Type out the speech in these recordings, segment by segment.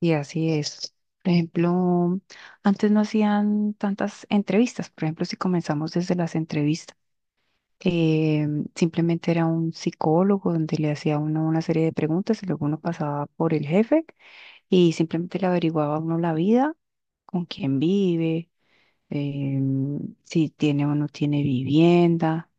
Y así es. Por ejemplo, antes no hacían tantas entrevistas. Por ejemplo, si comenzamos desde las entrevistas, eh, simplemente era un psicólogo donde le hacía a uno una serie de preguntas y luego uno pasaba por el jefe y simplemente le averiguaba a uno la vida, con quién vive, si tiene o no tiene vivienda.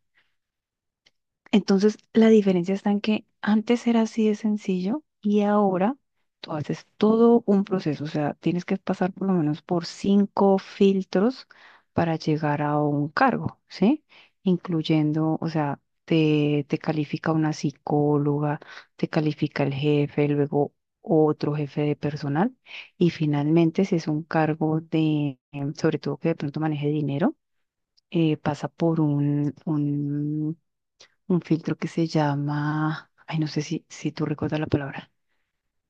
Entonces, la diferencia está en que antes era así de sencillo y ahora tú haces todo un proceso, o sea, tienes que pasar por lo menos por cinco filtros para llegar a un cargo, ¿sí? Incluyendo, o sea, te califica una psicóloga, te califica el jefe, luego otro jefe de personal y finalmente si es un cargo de, sobre todo que de pronto maneje dinero, pasa por un un filtro que se llama, ay, no sé si, si tú recuerdas la palabra,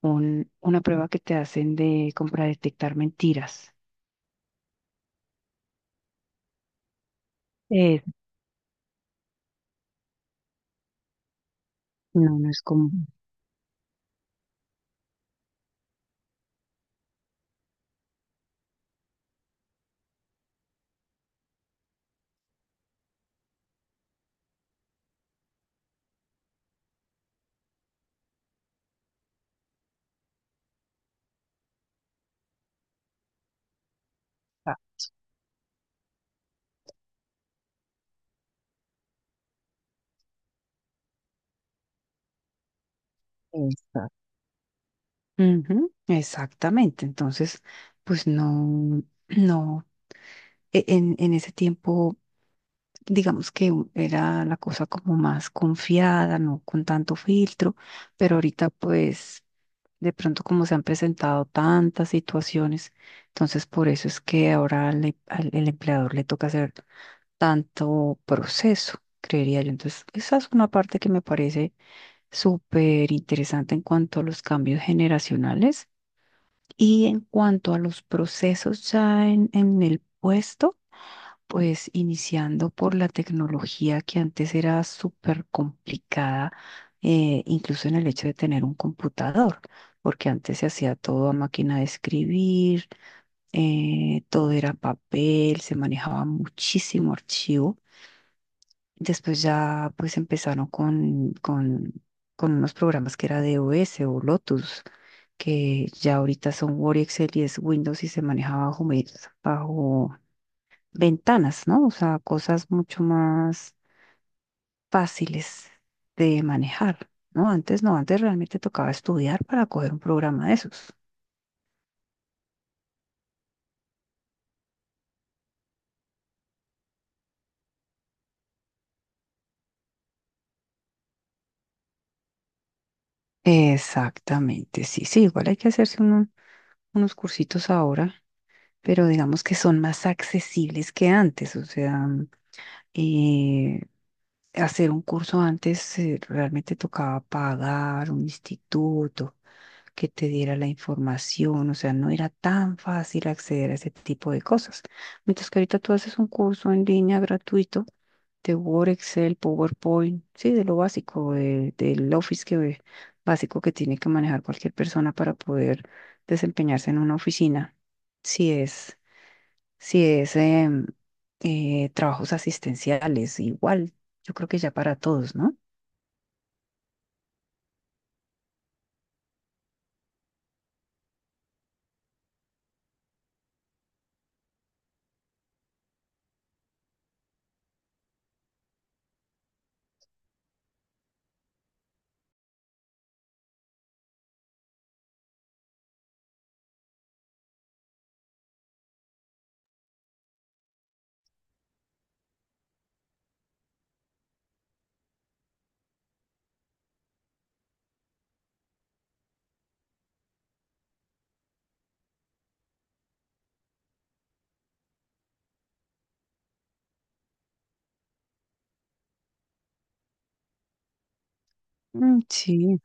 un, una prueba que te hacen de como para detectar mentiras. Eh, no, no es como... Ah, esa. Ujú. Exactamente, entonces, pues no, no, en ese tiempo, digamos que era la cosa como más confiada, no con tanto filtro, pero ahorita pues... De pronto, como se han presentado tantas situaciones, entonces por eso es que ahora el empleador le toca hacer tanto proceso, creería yo. Entonces, esa es una parte que me parece súper interesante en cuanto a los cambios generacionales y en cuanto a los procesos ya en el puesto. Pues iniciando por la tecnología que antes era súper complicada, incluso en el hecho de tener un computador, porque antes se hacía todo a máquina de escribir, todo era papel, se manejaba muchísimo archivo. Después ya pues empezaron con unos programas que era DOS o Lotus, que ya ahorita son Word y Excel y es Windows y se manejaba bajo, Microsoft- bajo ventanas, ¿no? O sea, cosas mucho más fáciles de manejar, ¿no? Antes no, antes realmente tocaba estudiar para coger un programa de esos. Exactamente, sí, sí, igual hay que hacerse unos cursitos ahora, pero digamos que son más accesibles que antes, o sea, eh, hacer un curso antes realmente tocaba pagar un instituto, que te diera la información, o sea, no era tan fácil acceder a ese tipo de cosas. Mientras que ahorita tú haces un curso en línea gratuito de Word, Excel, PowerPoint, sí, de lo básico, del Office que, básico que tiene que manejar cualquier persona para poder desempeñarse en una oficina. Si es, si es trabajos asistenciales, igual, yo creo que ya para todos, ¿no? Mm. Sí.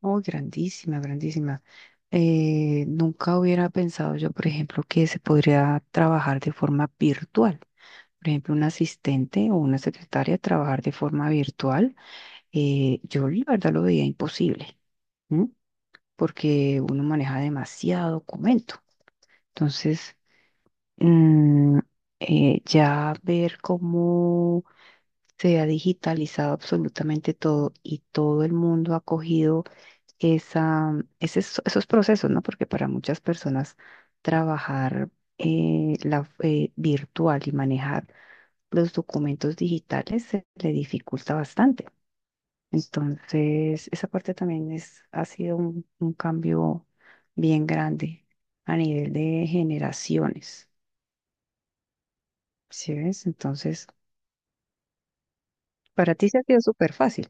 Oh, grandísima, grandísima. Nunca hubiera pensado yo, por ejemplo, que se podría trabajar de forma virtual. Por ejemplo, un asistente o una secretaria trabajar de forma virtual. Yo la verdad lo veía imposible, ¿m? Porque uno maneja demasiado documento. Entonces, mm, ya ver cómo se ha digitalizado absolutamente todo y todo el mundo ha cogido esa, ese- esos procesos, ¿no? Porque para muchas personas trabajar virtual y manejar los documentos digitales se le dificulta bastante. Entonces, esa parte también es, ha sido un cambio bien grande a nivel de generaciones, ¿sí ves? Entonces, para ti se ha sido súper fácil.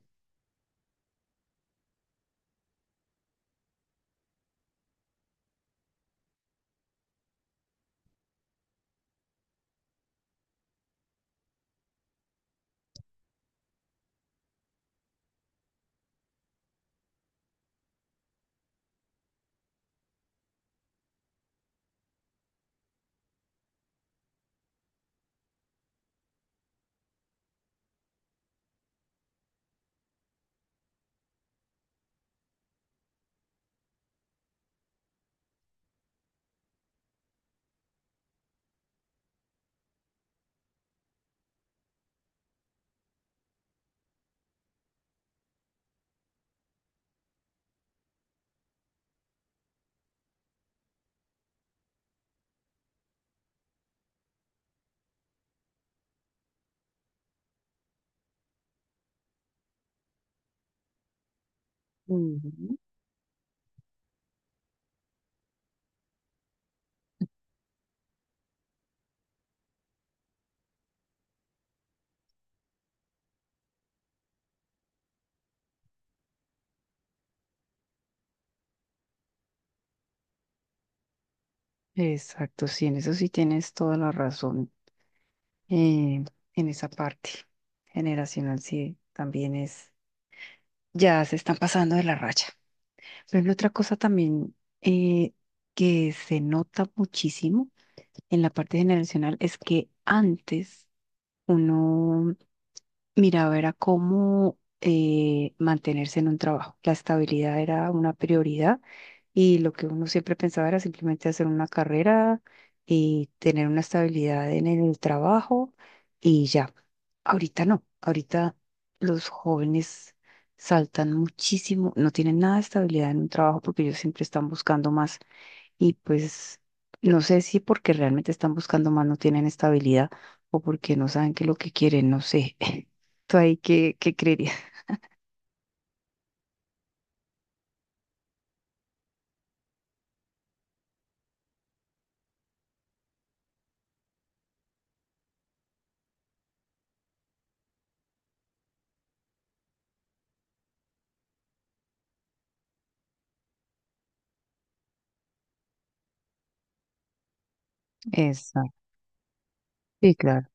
Ujú. Exacto, sí, en eso sí tienes toda la razón. eh, en esa parte generacional sí también es, ya se están pasando de la raya. Por ejemplo, otra cosa también eh, que se nota muchísimo en la parte generacional es que antes uno miraba era cómo mantenerse en un trabajo. La estabilidad era una prioridad y lo que uno siempre pensaba era simplemente hacer una carrera y tener una estabilidad en el trabajo y ya. Ahorita no, ahorita los jóvenes saltan muchísimo, no tienen nada de estabilidad en un trabajo porque ellos siempre están buscando más y pues no sé si porque realmente están buscando más no tienen estabilidad o porque no saben qué es lo que quieren, no sé. ¿Tú ahí qué creerías? Exacto. Sí, claro.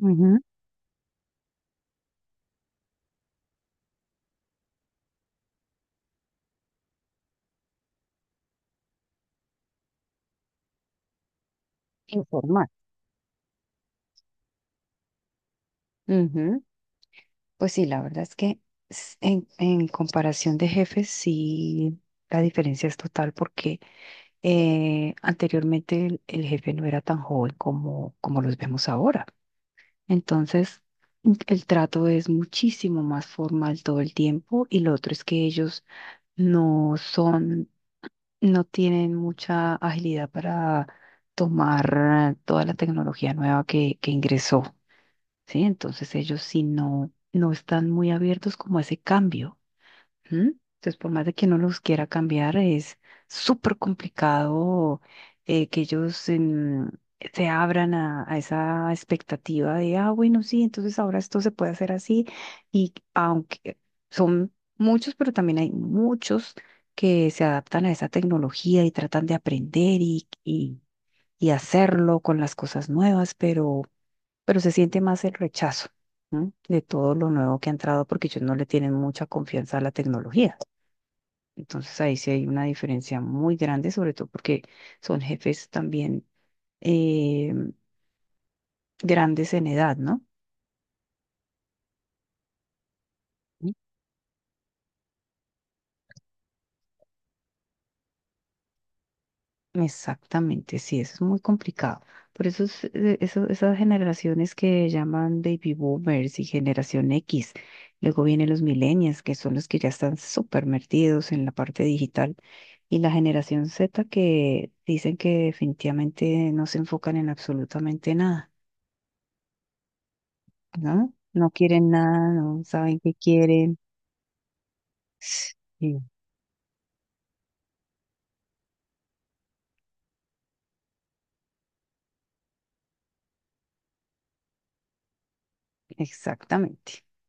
Ujú. Informar. Ujú. Pues sí, la verdad es que en comparación de jefes, sí, la diferencia es total porque anteriormente el jefe no era tan joven como, como los vemos ahora. Entonces, mm, el trato es muchísimo más formal todo el tiempo y lo otro es que ellos no son, no tienen mucha agilidad para tomar toda la tecnología nueva que ingresó. ¿Sí? Entonces ellos si no, no están muy abiertos como a ese cambio. ¿M? Entonces, por más de que uno los quiera cambiar, es súper complicado que ellos se abran a esa expectativa de, ah, bueno, sí, entonces ahora esto se puede hacer así. Y aunque son muchos, pero también hay muchos que se adaptan a esa tecnología y tratan de aprender y hacerlo con las cosas nuevas, pero se siente más el rechazo, ¿no? De todo lo nuevo que ha entrado porque ellos no le tienen mucha confianza a la tecnología. Entonces ahí sí hay una diferencia muy grande, sobre todo porque son jefes también eh, grandes en edad, ¿no? Exactamente, sí, eso es muy complicado. Por eso, es, esas generaciones que llaman baby boomers y generación X, luego vienen los millennials, que son los que ya están súper metidos en la parte digital, y la generación Z que dicen que definitivamente no se enfocan en absolutamente nada, ¿no? No quieren nada, no saben qué quieren. Sí, exactamente.